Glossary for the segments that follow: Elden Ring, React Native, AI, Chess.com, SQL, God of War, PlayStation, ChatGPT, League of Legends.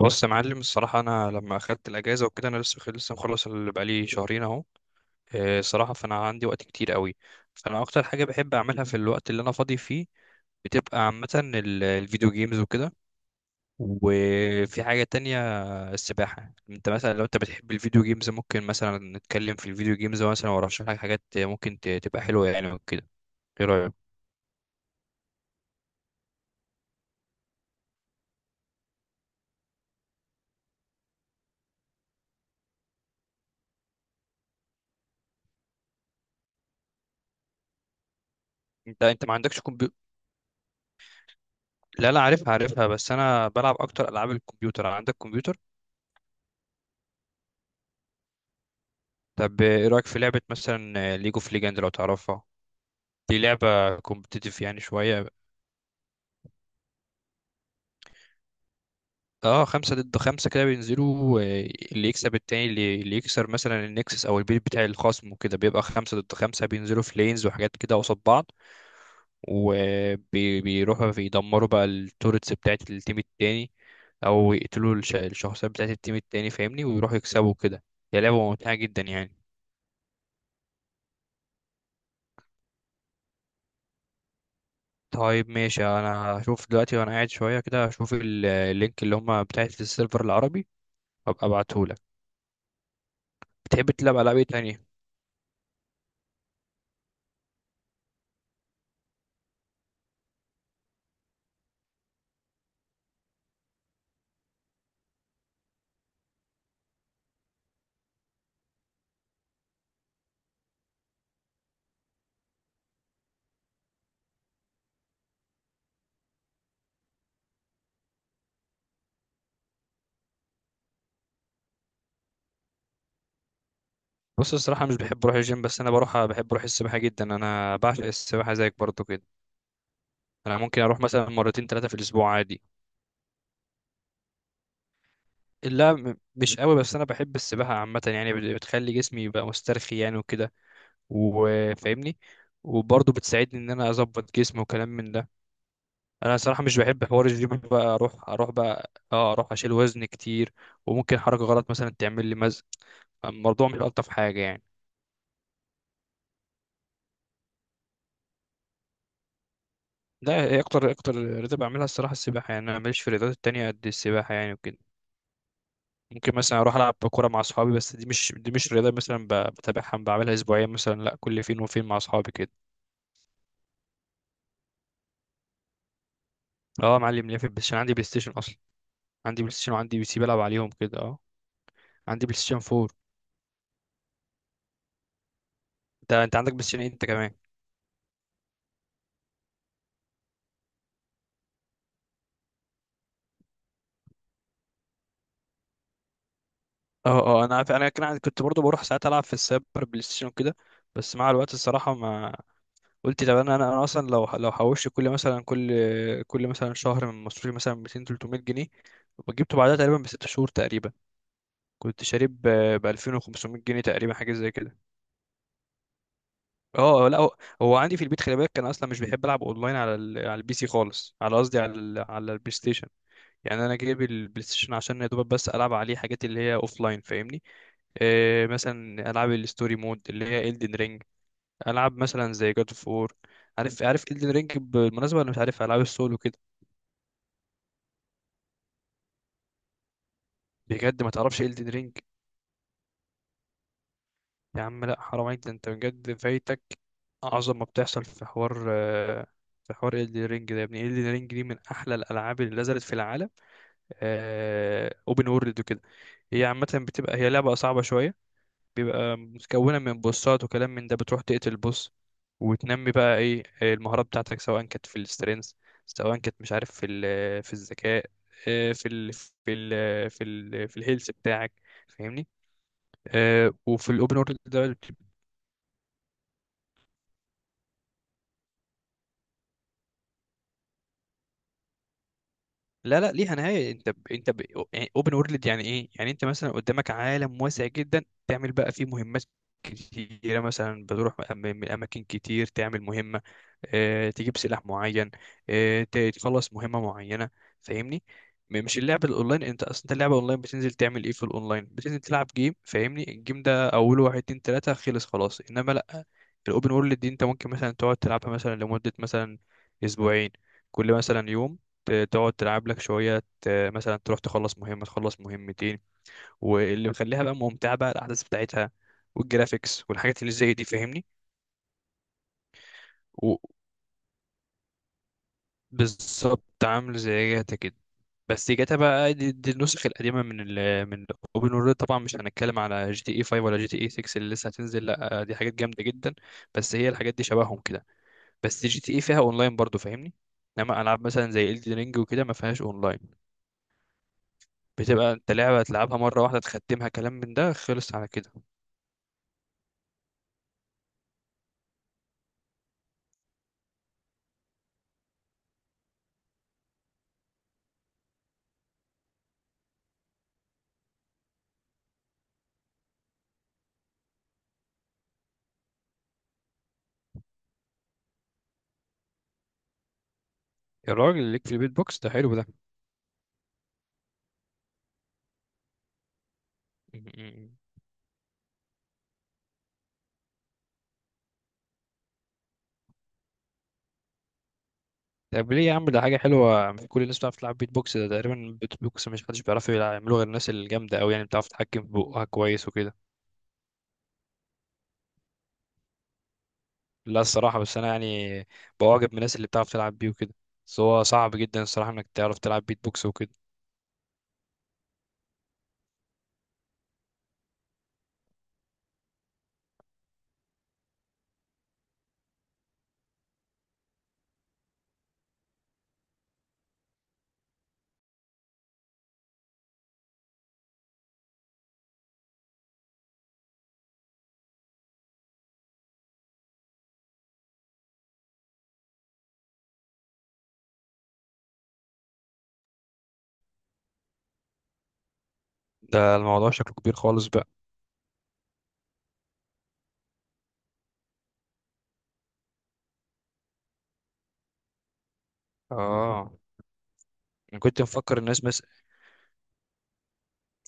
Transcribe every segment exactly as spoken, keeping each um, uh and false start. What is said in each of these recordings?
بص يا معلم، الصراحة أنا لما أخدت الأجازة وكده أنا لسه لسه مخلص اللي بقالي شهرين أهو. آه، الصراحة فأنا عندي وقت كتير قوي. فأنا أكتر حاجة بحب أعملها في الوقت اللي أنا فاضي فيه بتبقى عامة ال- الفيديو جيمز وكده، وفي حاجة تانية السباحة. أنت مثلا لو أنت بتحب الفيديو جيمز ممكن مثلا نتكلم في الفيديو جيمز مثلا، وأرشح لك حاجات ممكن ت- تبقى حلوة يعني وكده. إيه رأيك؟ أنت أنت ما عندكش كمبيوتر؟ لا لا، عارفها عارفها، بس أنا بلعب أكتر ألعاب الكمبيوتر. عندك كمبيوتر؟ طب ايه رأيك في لعبة مثلا ليج اوف ليجند لو تعرفها؟ دي لعبة كومبتيتيف يعني شوية. اه، خمسة ضد خمسة كده بينزلوا آه، اللي يكسب التاني اللي اللي يكسر مثلا النكسس او البيت بتاع الخصم وكده، بيبقى خمسة ضد خمسة بينزلوا في لينز وحاجات كده قصاد بعض، وبيروحوا بيدمروا بقى التورتس بتاعت التيم التاني، او يقتلوا الش- الشخصيات بتاعت التيم التاني، فاهمني، ويروحوا يكسبوا كده. هي لعبة ممتعة جدا يعني. طيب ماشي، انا هشوف دلوقتي وانا قاعد شويه كده هشوف ال- اللينك اللي هم بتاعت السيرفر العربي وابقى ابعتهولك. بتحب تلعب العاب ايه تانية؟ بص الصراحه مش بحب اروح الجيم، بس انا بروح بحب اروح السباحه جدا، انا بعشق السباحه زيك برضو كده. انا ممكن اروح مثلا مرتين ثلاثه في الاسبوع عادي. لا م- مش قوي، بس انا بحب السباحه عامه يعني بت- بتخلي جسمي يبقى مسترخي يعني وكده، وفاهمني. وبرضه بتساعدني ان انا اظبط جسمي وكلام من ده. انا صراحه مش بحب حوار الجيم، بقى اروح اروح بقى اه اروح اشيل وزن كتير، وممكن حركه غلط مثلا تعمل لي مزق، الموضوع مش الطف حاجه يعني. ده هي اكتر اكتر رياضه بعملها الصراحه السباحه، يعني انا ماليش في الرياضات التانية قد السباحه يعني وكده. ممكن مثلا اروح العب كوره مع اصحابي، بس دي مش دي مش رياضه مثلا ب- بتابعها بعملها اسبوعيا، مثلا لا كل فين وفين مع اصحابي كده. اه يا معلم ليه، في البلاي ستيشن، عندي بلاي ستيشن اصلا. عندي بلاي ستيشن وعندي بي سي بلعب عليهم كده اه. عندي بلاي ستيشن فور. انت انت عندك بلاي ستيشن إيه انت كمان؟ اه اه، انا عارف، انا كان عندي- كنت برضه بروح ساعات العب في السايبر بلاي ستيشن وكده، بس مع الوقت الصراحه ما قلت طب انا انا أنا اصلا لو لو حوشت كل مثلا كل كل مثلا شهر من مصروفي مثلا ميتين ثلاثمائة جنيه، وجبته بعدها تقريبا بست شهور تقريبا، كنت شارب ب ألفين وخمسمائة جنيه تقريبا، حاجه زي كده. اه اه، لا هو هو عندي في البيت خلي بالك، كان اصلا مش بيحب العب اونلاين على ال... على البي سي خالص، على قصدي على ال... على البلاي ستيشن. يعني انا جايب البلاي ستيشن عشان يا دوبك بس العب عليه حاجات اللي هي اوف لاين، فاهمني. إيه مثلا العاب الستوري مود اللي هي Elden Ring، العاب مثلا زي God of War. عارف عارف Elden Ring بالمناسبة ولا مش عارف؟ العاب السول وكده. بجد ما تعرفش Elden Ring؟ يا عم لا، حرام عليك، ده انت بجد فايتك اعظم ما بتحصل في حوار آه، في حوار Elden Ring ده، يا ابني Elden Ring دي من احلى الالعاب اللي نزلت في العالم، اوبن وورلد وكده. هي عامة بتبقى هي لعبة صعبة شوية، بيبقى متكونة من بوسات وكلام من ده، بتروح تقتل بوس وتنمي بقى ايه المهارات بتاعتك، سواء كانت في السترينث، سواء كانت مش عارف في ال- في الذكاء آه، في ال في ال في ال في الهيلث بتاعك، فاهمني. آه، وفي الاوبن وورلد ده بت- لا لا ليها نهايه، انت ب... انت ب... اوبن وورلد يعني ايه، يعني انت مثلا قدامك عالم واسع جدا تعمل بقى فيه مهمات كتيره، مثلا بتروح من أم- من اماكن كتير تعمل مهمه آه، تجيب سلاح معين آه، ت- تخلص مهمة معينة، فاهمني. م- مش اللعب الاونلاين، انت اصلا انت اللعبة اونلاين بتنزل تعمل ايه في الاونلاين، بتنزل تلعب جيم، فاهمني، الجيم ده اوله واحد اتنين تلاتة خلص خلاص، انما لا، الاوبن وورلد دي انت ممكن مثلا تقعد تلعبها مثلا لمدة مثلا اسبوعين، كل مثلا يوم ت- تقعد تلعب لك شوية ت- مثلا تروح تخلص مهمة تخلص مهمتين. واللي مخليها بقى ممتعة بقى الأحداث بتاعتها والجرافيكس والحاجات اللي زي دي، فاهمني. و- بالظبط عامل زي جاتا كده، بس جاتا بقى دي, دي النسخ القديمه من ال من اوبن وورلد، طبعا مش هنتكلم على جي تي اي فايف ولا جي تي اي سكس اللي لسه هتنزل، لا دي حاجات جامده جدا، بس هي الحاجات دي شبههم كده، بس جي تي اي فيها اونلاين برضو، فاهمني، انما العاب مثلا زي Elden رينج وكده ما فيهاش اونلاين. بتبقى انت لعبه تلعبها مره واحده تختمها كلام من ده، خلص على كده. يا راجل ليك في البيت بوكس، ده حلو ده. طب ليه يا عم، ده حاجه حلوه، مش كل الناس بتعرف تلعب بيت بوكس، ده تقريبا بيت بوكس مش حدش بيعرف يعمله غير الناس الجامده قوي، يعني بتعرف تتحكم في بقها كويس وكده. لا الصراحة بس أنا يعني بواجب من الناس اللي بتعرف تلعب بيه وكده، بس هو صعب جدا الصراحة إنك تعرف تلعب بيت بوكس وكده. ده الموضوع شكله كبير خالص بقى. آه. أنا كنت مفكر الناس مثلا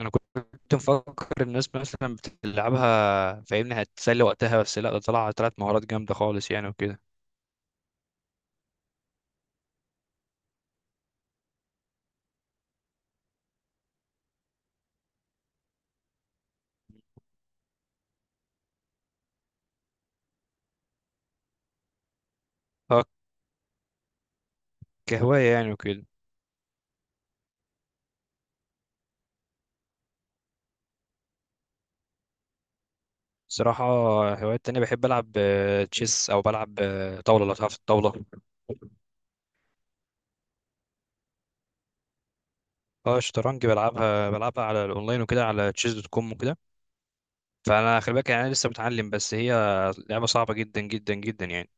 أنا كنت مفكر الناس مثلا بتلعبها، فاهمني، هتسلي وقتها، بس لا ده طلع، طلعت مهارات جامدة خالص يعني وكده. آه، كهواية يعني وكده. صراحة هوايات تانية، بحب ألعب آه، تشيس، أو بلعب آه، طاولة لو تعرف الطاولة. اه الشطرنج، بلعبها بلعبها على الأونلاين وكده على تشيز دوت كوم وكده. فانا خلي بالك يعني انا لسه متعلم، بس هي لعبه صعبه جدا جدا جدا يعني.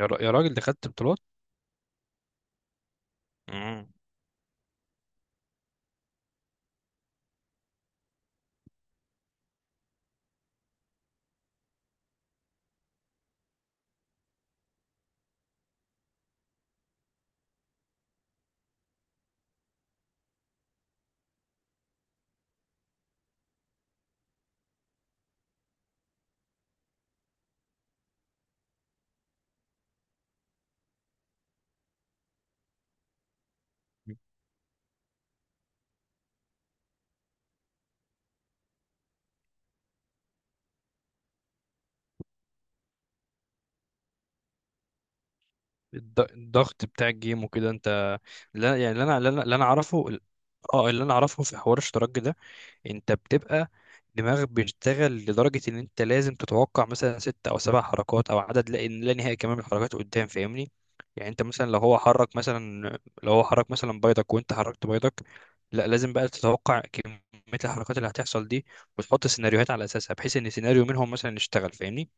يا را- يا راجل ده خدت بطولات؟ مم. الض- الضغط بتاع الجيم وكده انت. لا يعني اللي انا اللي انا اللي أنا اعرفه، اه اللي انا اعرفه في حوار الشطرنج ده، انت بتبقى دماغك بيشتغل لدرجة ان انت لازم تتوقع مثلا ست او سبع حركات او عدد لا لا نهائي كمان من الحركات قدام، فاهمني. يعني انت مثلا لو هو حرك مثلا لو هو حرك مثلا بيضك وانت حركت بيضك، لا لازم بقى تتوقع كمية الحركات اللي هتحصل دي، وتحط سيناريوهات على اساسها بحيث ان سيناريو منهم مثلا يشتغل، فاهمني.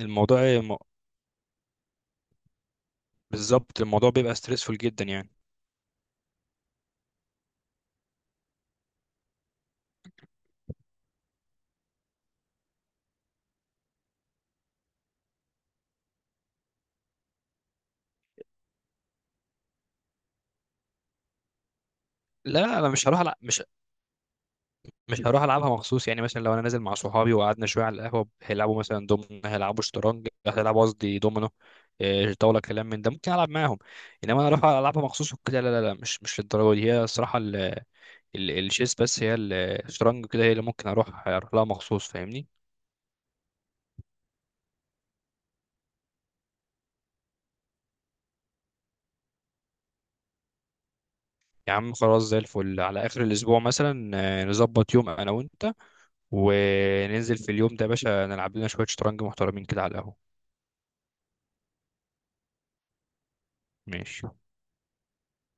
الموضوع م- بالظبط، الموضوع بيبقى ستريسفول جدا يعني. لا انا مش هروح ألع- مش مش هروح العبها مخصوص يعني، مثلا لو انا نازل مع صحابي وقعدنا شويه على القهوه هيلعبوا مثلا دومنا هيلعبوا شطرنج هيلعبوا قصدي دومينو، إيه، طاوله كلام من ده ممكن العب معاهم، انما انا اروح العبها مخصوص وكده لا لا لا، مش مش للدرجه دي. هي الصراحه ال- ال- الشيس، بس هي ال- الشطرنج كده هي اللي ممكن اروح اروح لها مخصوص، فاهمني. يا عم خلاص زي الفل، على اخر الاسبوع مثلا آه، نظبط يوم انا وانت وننزل في اليوم ده يا باشا، نلعب لنا شويه شطرنج محترمين كده على القهوه. ماشي.